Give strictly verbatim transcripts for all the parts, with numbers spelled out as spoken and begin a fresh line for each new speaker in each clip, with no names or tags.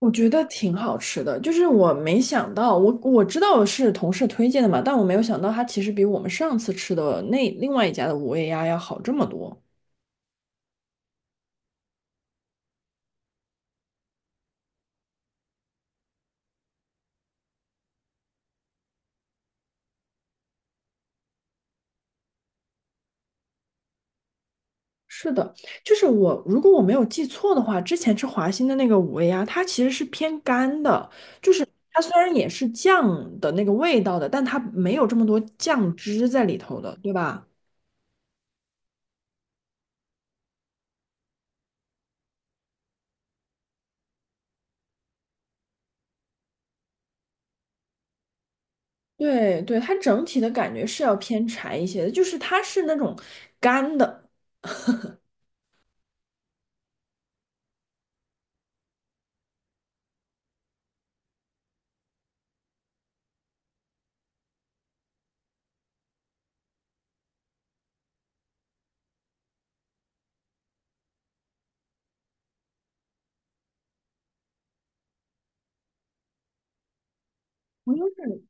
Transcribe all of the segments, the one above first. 我觉得挺好吃的，就是我没想到，我我知道是同事推荐的嘛，但我没有想到它其实比我们上次吃的那另外一家的五味鸭要好这么多。是的，就是我如果我没有记错的话，之前吃华兴的那个五味鸭，它其实是偏干的，就是它虽然也是酱的那个味道的，但它没有这么多酱汁在里头的，对吧？对对，它整体的感觉是要偏柴一些的，就是它是那种干的。不用是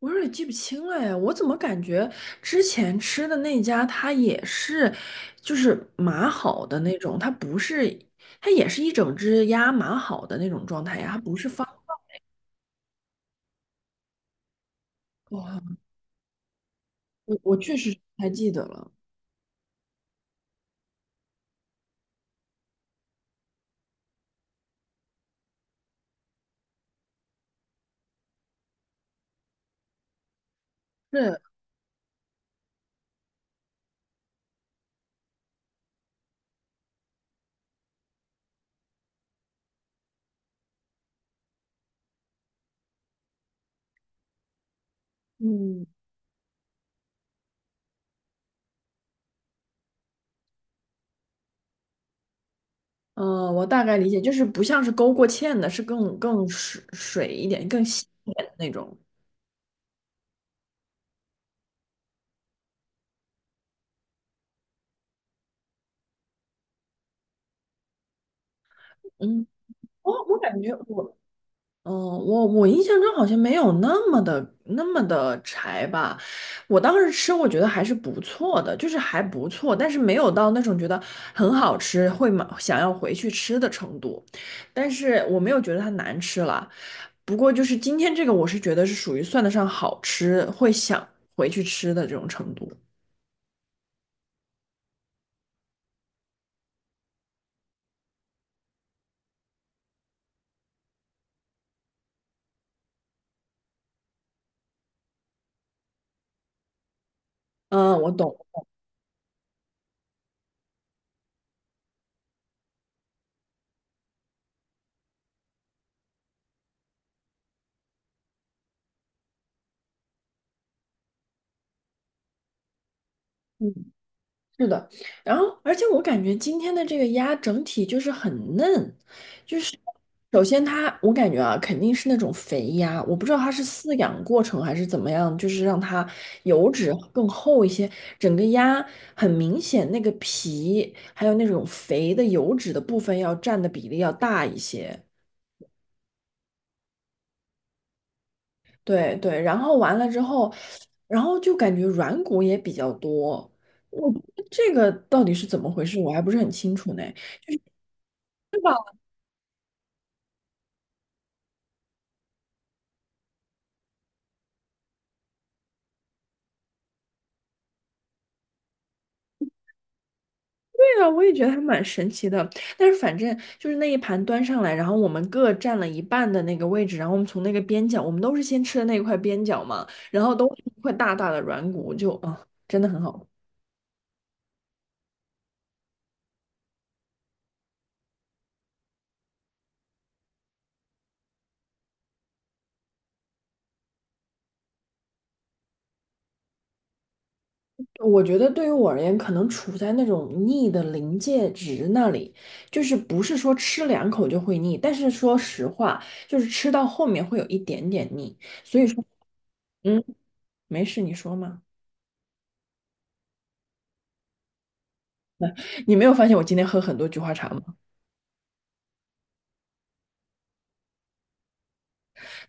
我有点记不清了呀，我怎么感觉之前吃的那家它也是，就是码好的那种，它不是，它也是一整只鸭码好的那种状态呀，它不是放，我我确实不太记得了，是，嗯呃，我大概理解，就是不像是勾过芡的，是更更水水一点、更稀一点的那种。嗯，我我感觉我嗯，我我印象中好像没有那么的那么的柴吧。我当时吃，我觉得还是不错的，就是还不错，但是没有到那种觉得很好吃，会买想要回去吃的程度。但是我没有觉得它难吃了。不过就是今天这个，我是觉得是属于算得上好吃，会想回去吃的这种程度。嗯，我懂。是的，然后而且我感觉今天的这个鸭整体就是很嫩，就是首先它我感觉啊肯定是那种肥鸭，我不知道它是饲养过程还是怎么样，就是让它油脂更厚一些，整个鸭很明显那个皮还有那种肥的油脂的部分要占的比例要大一些，对对，然后完了之后，然后就感觉软骨也比较多，我这个到底是怎么回事，我还不是很清楚呢。对啊，我也觉得还蛮神奇的。但是反正就是那一盘端上来，然后我们各占了一半的那个位置，然后我们从那个边角，我们都是先吃的那一块边角嘛，然后都是一块大大的软骨，就啊，真的很好。我觉得对于我而言，可能处在那种腻的临界值那里，就是不是说吃两口就会腻，但是说实话，就是吃到后面会有一点点腻。所以说，嗯，没事，你说嘛。你没有发现我今天喝很多菊花茶吗？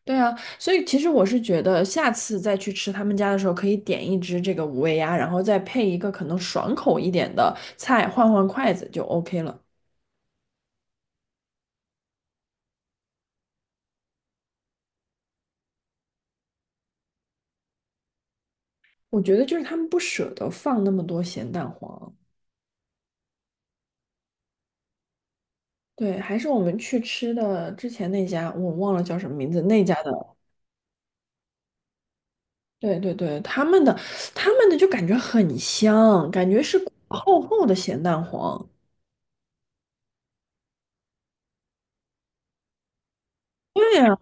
对啊，所以其实我是觉得，下次再去吃他们家的时候，可以点一只这个五味鸭，然后再配一个可能爽口一点的菜，换换筷子就 OK 了。我觉得就是他们不舍得放那么多咸蛋黄。对，还是我们去吃的之前那家，我忘了叫什么名字，那家的，对对对，他们的他们的就感觉很香，感觉是厚厚的咸蛋黄。对啊，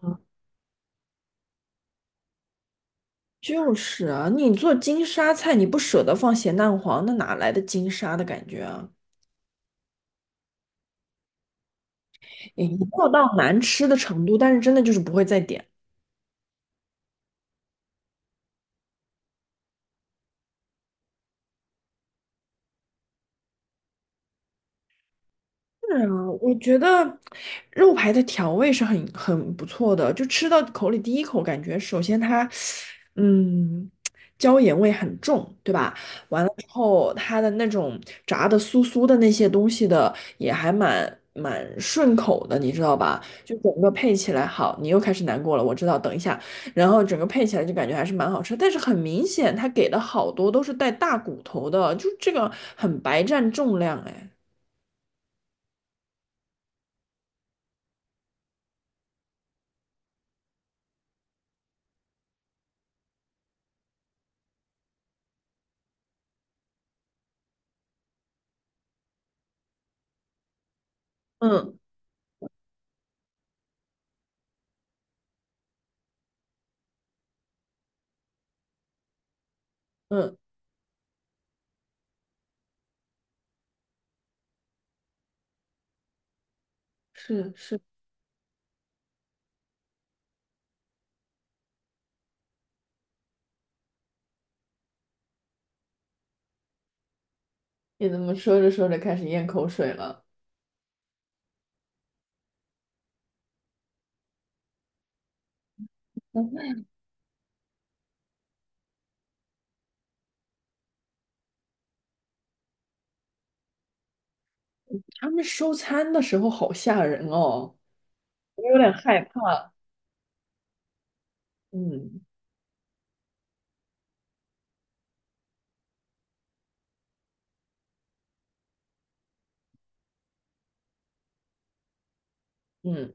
就是啊，你做金沙菜，你不舍得放咸蛋黄，那哪来的金沙的感觉啊？也没有到难吃的程度，但是真的就是不会再点。是啊，我觉得肉排的调味是很很不错的，就吃到口里第一口感觉，首先它，嗯，椒盐味很重，对吧？完了之后，它的那种炸的酥酥的那些东西的也还蛮蛮顺口的，你知道吧？就整个配起来好，你又开始难过了，我知道，等一下，然后整个配起来就感觉还是蛮好吃，但是很明显，它给的好多都是带大骨头的，就这个很白占重量，哎。嗯，嗯。是是，你怎么说着说着开始咽口水了？他们收餐的时候好吓人哦，我有点害怕。嗯嗯，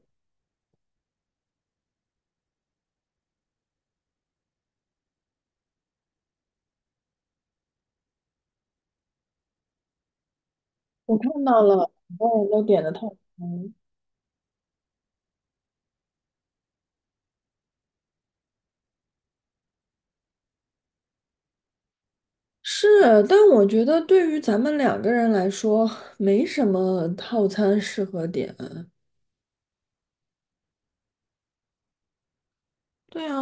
我看到了，很多人都点的套餐。是，但我觉得对于咱们两个人来说，没什么套餐适合点。对啊，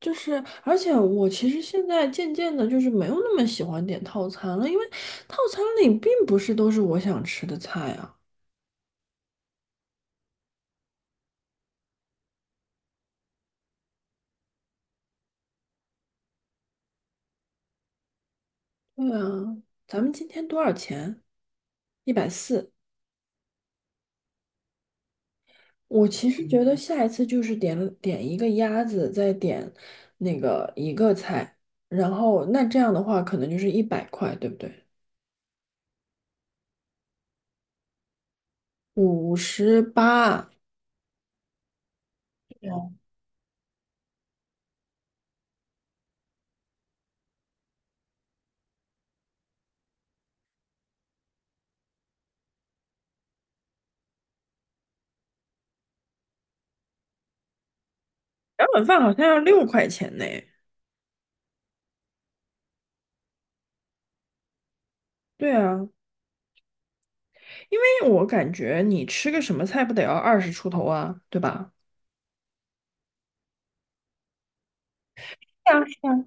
就是，而且我其实现在渐渐的，就是没有那么喜欢点套餐了，因为套餐里并不是都是我想吃的菜啊。对啊，咱们今天多少钱？一百四，我其实觉嗯得下一次就是点点一个鸭子，再点那个一个菜，然后那这样的话可能就是一百块，对不对？五十八，两碗饭好像要六块钱呢。对啊，因为我感觉你吃个什么菜不得要二十出头啊，对吧？是啊，是啊。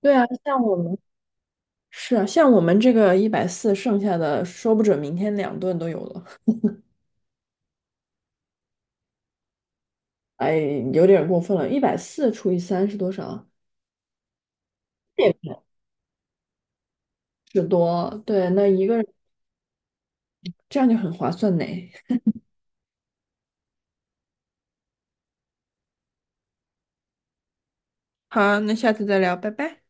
对啊，像我们是啊，像我们这个一百四，剩下的说不准明天两顿都有了。哎，有点过分了，一百四除以三是多少啊十多，对，那一个人这样就很划算呢。好，那下次再聊，拜拜。